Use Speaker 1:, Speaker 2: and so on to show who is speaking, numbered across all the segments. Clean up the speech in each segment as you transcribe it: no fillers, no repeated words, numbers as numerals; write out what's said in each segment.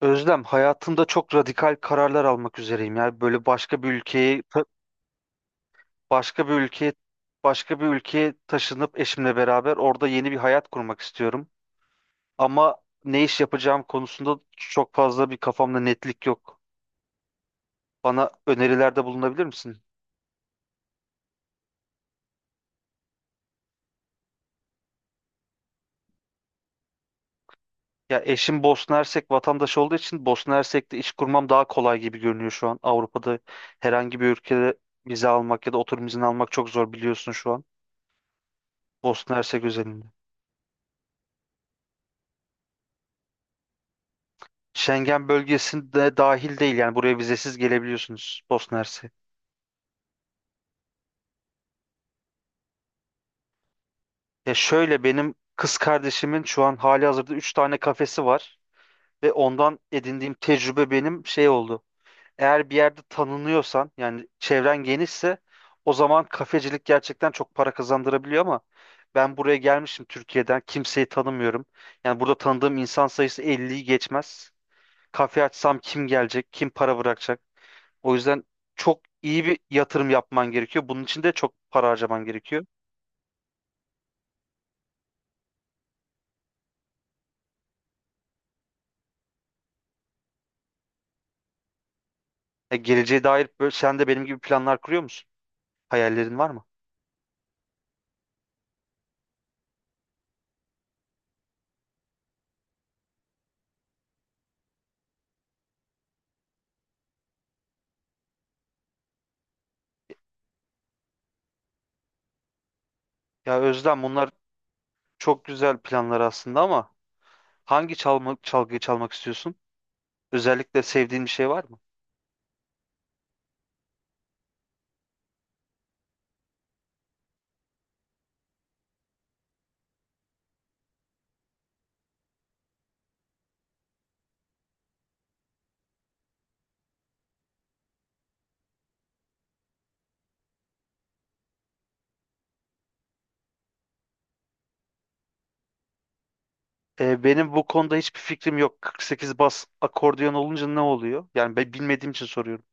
Speaker 1: Özlem, hayatımda çok radikal kararlar almak üzereyim. Yani böyle başka bir ülkeye, başka bir ülkeye taşınıp eşimle beraber orada yeni bir hayat kurmak istiyorum. Ama ne iş yapacağım konusunda çok fazla bir kafamda netlik yok. Bana önerilerde bulunabilir misin? Ya eşim Bosna Hersek vatandaşı olduğu için Bosna Hersek'te iş kurmam daha kolay gibi görünüyor şu an. Avrupa'da herhangi bir ülkede vize almak ya da oturum izni almak çok zor biliyorsun şu an. Bosna Hersek özelinde. Schengen bölgesinde dahil değil yani buraya vizesiz gelebiliyorsunuz Bosna Hersek. Ya şöyle benim kız kardeşimin şu an hali hazırda 3 tane kafesi var ve ondan edindiğim tecrübe benim şey oldu. Eğer bir yerde tanınıyorsan yani çevren genişse o zaman kafecilik gerçekten çok para kazandırabiliyor ama ben buraya gelmişim Türkiye'den kimseyi tanımıyorum. Yani burada tanıdığım insan sayısı elliyi geçmez. Kafe açsam kim gelecek, kim para bırakacak? O yüzden çok iyi bir yatırım yapman gerekiyor. Bunun için de çok para harcaman gerekiyor. Geleceğe dair böyle, sen de benim gibi planlar kuruyor musun? Hayallerin var mı? Ya Özlem bunlar çok güzel planlar aslında ama hangi çalma, çalgıyı çalmak istiyorsun? Özellikle sevdiğin bir şey var mı? Benim bu konuda hiçbir fikrim yok. 48 bas akordeon olunca ne oluyor? Yani ben bilmediğim için soruyorum.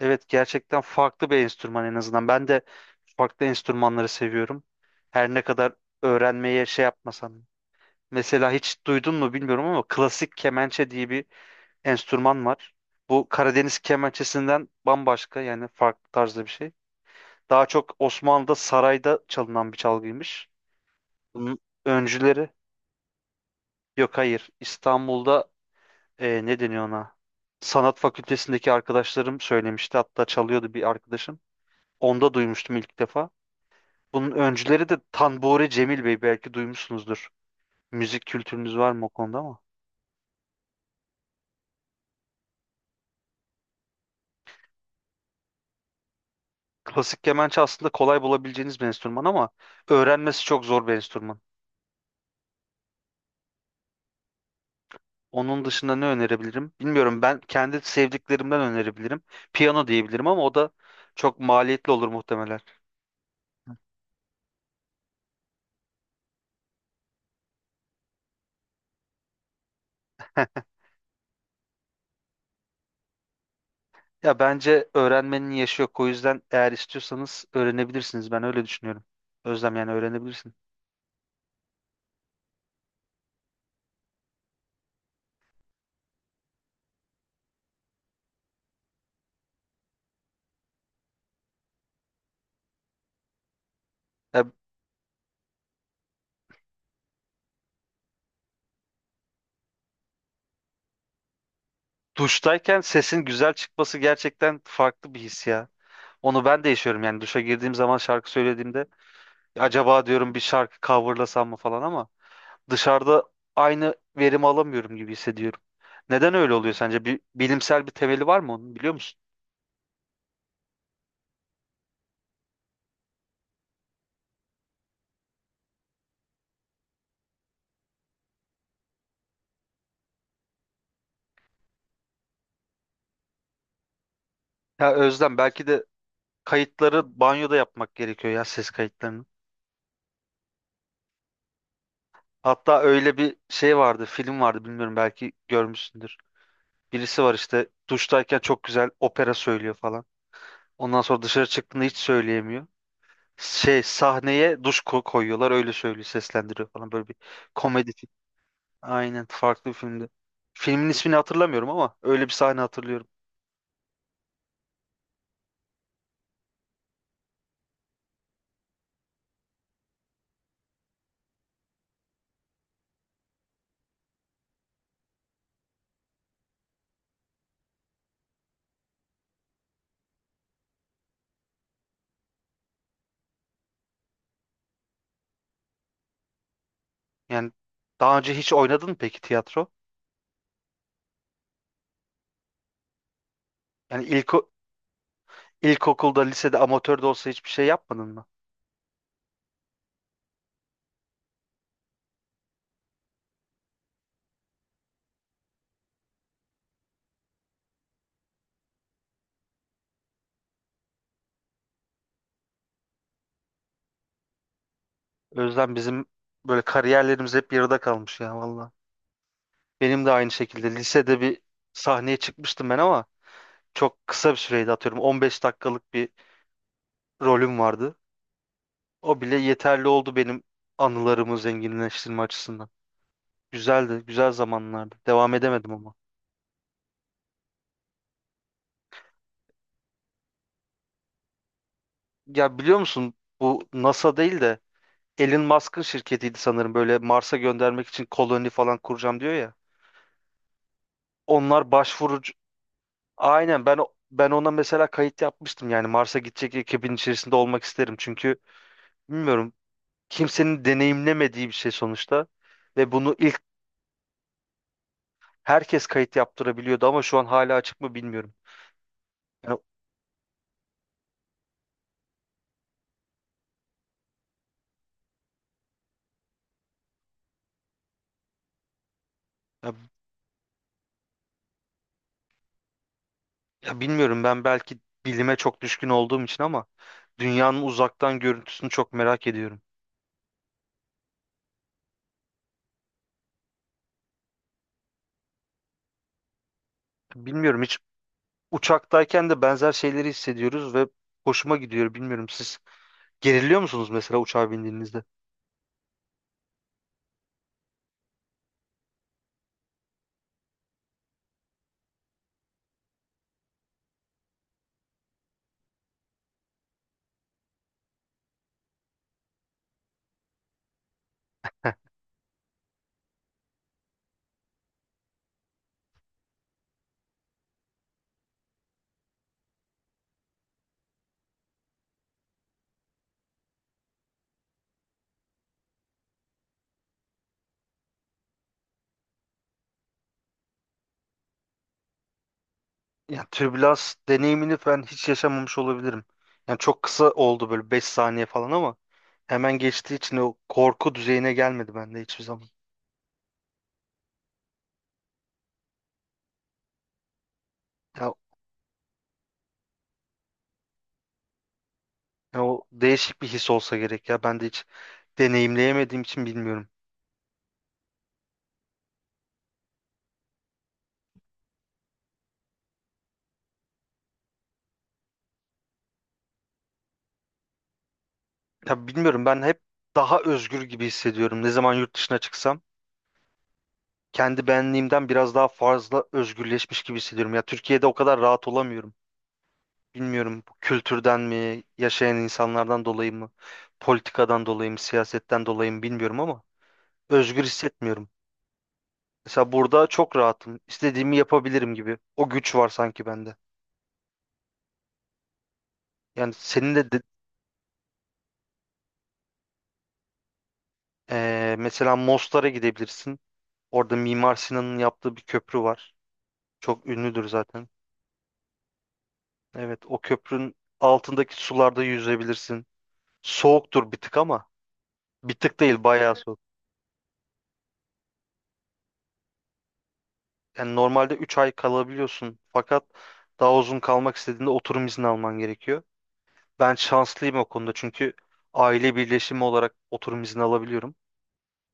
Speaker 1: Evet gerçekten farklı bir enstrüman en azından. Ben de farklı enstrümanları seviyorum. Her ne kadar öğrenmeye şey yapmasam. Mesela hiç duydun mu bilmiyorum ama klasik kemençe diye bir enstrüman var. Bu Karadeniz kemençesinden bambaşka yani farklı tarzda bir şey. Daha çok Osmanlı'da sarayda çalınan bir çalgıymış. Bunun öncüleri yok, hayır, İstanbul'da ne deniyor ona? Sanat fakültesindeki arkadaşlarım söylemişti. Hatta çalıyordu bir arkadaşım. Onda duymuştum ilk defa. Bunun öncüleri de Tanburi Cemil Bey, belki duymuşsunuzdur. Müzik kültürünüz var mı o konuda ama? Klasik kemençe aslında kolay bulabileceğiniz bir enstrüman ama öğrenmesi çok zor bir enstrüman. Onun dışında ne önerebilirim? Bilmiyorum, ben kendi sevdiklerimden önerebilirim. Piyano diyebilirim ama o da çok maliyetli olur muhtemelen. Ya bence öğrenmenin yaşı yok. O yüzden eğer istiyorsanız öğrenebilirsiniz. Ben öyle düşünüyorum. Özlem yani öğrenebilirsin. Ya duştayken sesin güzel çıkması gerçekten farklı bir his ya. Onu ben de yaşıyorum yani duşa girdiğim zaman şarkı söylediğimde acaba diyorum bir şarkı coverlasam mı falan ama dışarıda aynı verimi alamıyorum gibi hissediyorum. Neden öyle oluyor sence? Bir bilimsel bir temeli var mı onun, biliyor musun? Ya Özlem belki de kayıtları banyoda yapmak gerekiyor ya, ses kayıtlarını. Hatta öyle bir şey vardı, film vardı, bilmiyorum belki görmüşsündür. Birisi var işte duştayken çok güzel opera söylüyor falan. Ondan sonra dışarı çıktığında hiç söyleyemiyor. Şey, sahneye duş koyuyorlar, öyle söylüyor, seslendiriyor falan, böyle bir komedi. Aynen, farklı bir filmdi. Filmin ismini hatırlamıyorum ama öyle bir sahne hatırlıyorum. Yani daha önce hiç oynadın mı peki tiyatro? Yani ilkokulda, lisede, amatör de olsa hiçbir şey yapmadın mı? Özlem bizim böyle kariyerlerimiz hep yarıda kalmış ya valla. Benim de aynı şekilde lisede bir sahneye çıkmıştım ben ama çok kısa bir süreydi, atıyorum 15 dakikalık bir rolüm vardı. O bile yeterli oldu benim anılarımı zenginleştirme açısından. Güzeldi, güzel zamanlardı. Devam edemedim ama. Ya biliyor musun, bu NASA değil de Elon Musk'ın şirketiydi sanırım, böyle Mars'a göndermek için koloni falan kuracağım diyor ya. Onlar başvurucu. Aynen, ben ona mesela kayıt yapmıştım yani Mars'a gidecek ekibin içerisinde olmak isterim çünkü bilmiyorum, kimsenin deneyimlemediği bir şey sonuçta ve bunu ilk herkes kayıt yaptırabiliyordu ama şu an hala açık mı bilmiyorum. Yani, ya, ya bilmiyorum, ben belki bilime çok düşkün olduğum için ama dünyanın uzaktan görüntüsünü çok merak ediyorum. Bilmiyorum, hiç uçaktayken de benzer şeyleri hissediyoruz ve hoşuma gidiyor. Bilmiyorum, siz geriliyor musunuz mesela uçağa bindiğinizde? Yani türbülans deneyimini ben hiç yaşamamış olabilirim. Yani çok kısa oldu böyle 5 saniye falan ama hemen geçtiği için o korku düzeyine gelmedi bende hiçbir zaman. Ya, ya o değişik bir his olsa gerek ya. Ben de hiç deneyimleyemediğim için bilmiyorum. Ya bilmiyorum, ben hep daha özgür gibi hissediyorum ne zaman yurt dışına çıksam. Kendi benliğimden biraz daha fazla özgürleşmiş gibi hissediyorum. Ya Türkiye'de o kadar rahat olamıyorum. Bilmiyorum, bu kültürden mi, yaşayan insanlardan dolayı mı, politikadan dolayı mı, siyasetten dolayı mı bilmiyorum ama özgür hissetmiyorum. Mesela burada çok rahatım. İstediğimi yapabilirim gibi. O güç var sanki bende. Yani mesela Mostar'a gidebilirsin. Orada Mimar Sinan'ın yaptığı bir köprü var. Çok ünlüdür zaten. Evet, o köprünün altındaki sularda yüzebilirsin. Soğuktur bir tık ama, bir tık değil bayağı soğuk. Yani normalde 3 ay kalabiliyorsun fakat daha uzun kalmak istediğinde oturum izni alman gerekiyor. Ben şanslıyım o konuda çünkü aile birleşimi olarak oturum izni alabiliyorum.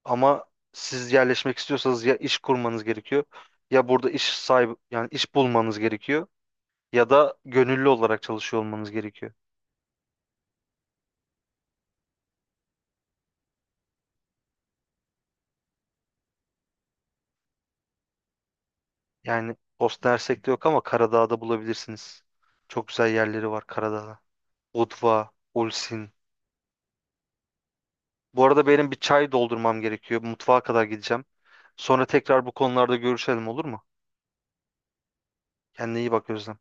Speaker 1: Ama siz yerleşmek istiyorsanız ya iş kurmanız gerekiyor, ya burada iş sahibi yani iş bulmanız gerekiyor ya da gönüllü olarak çalışıyor olmanız gerekiyor. Yani Bosna Hersek'te yok ama Karadağ'da bulabilirsiniz. Çok güzel yerleri var Karadağ'da. Budva, Ulcinj. Bu arada benim bir çay doldurmam gerekiyor. Mutfağa kadar gideceğim. Sonra tekrar bu konularda görüşelim, olur mu? Kendine iyi bak Özlem.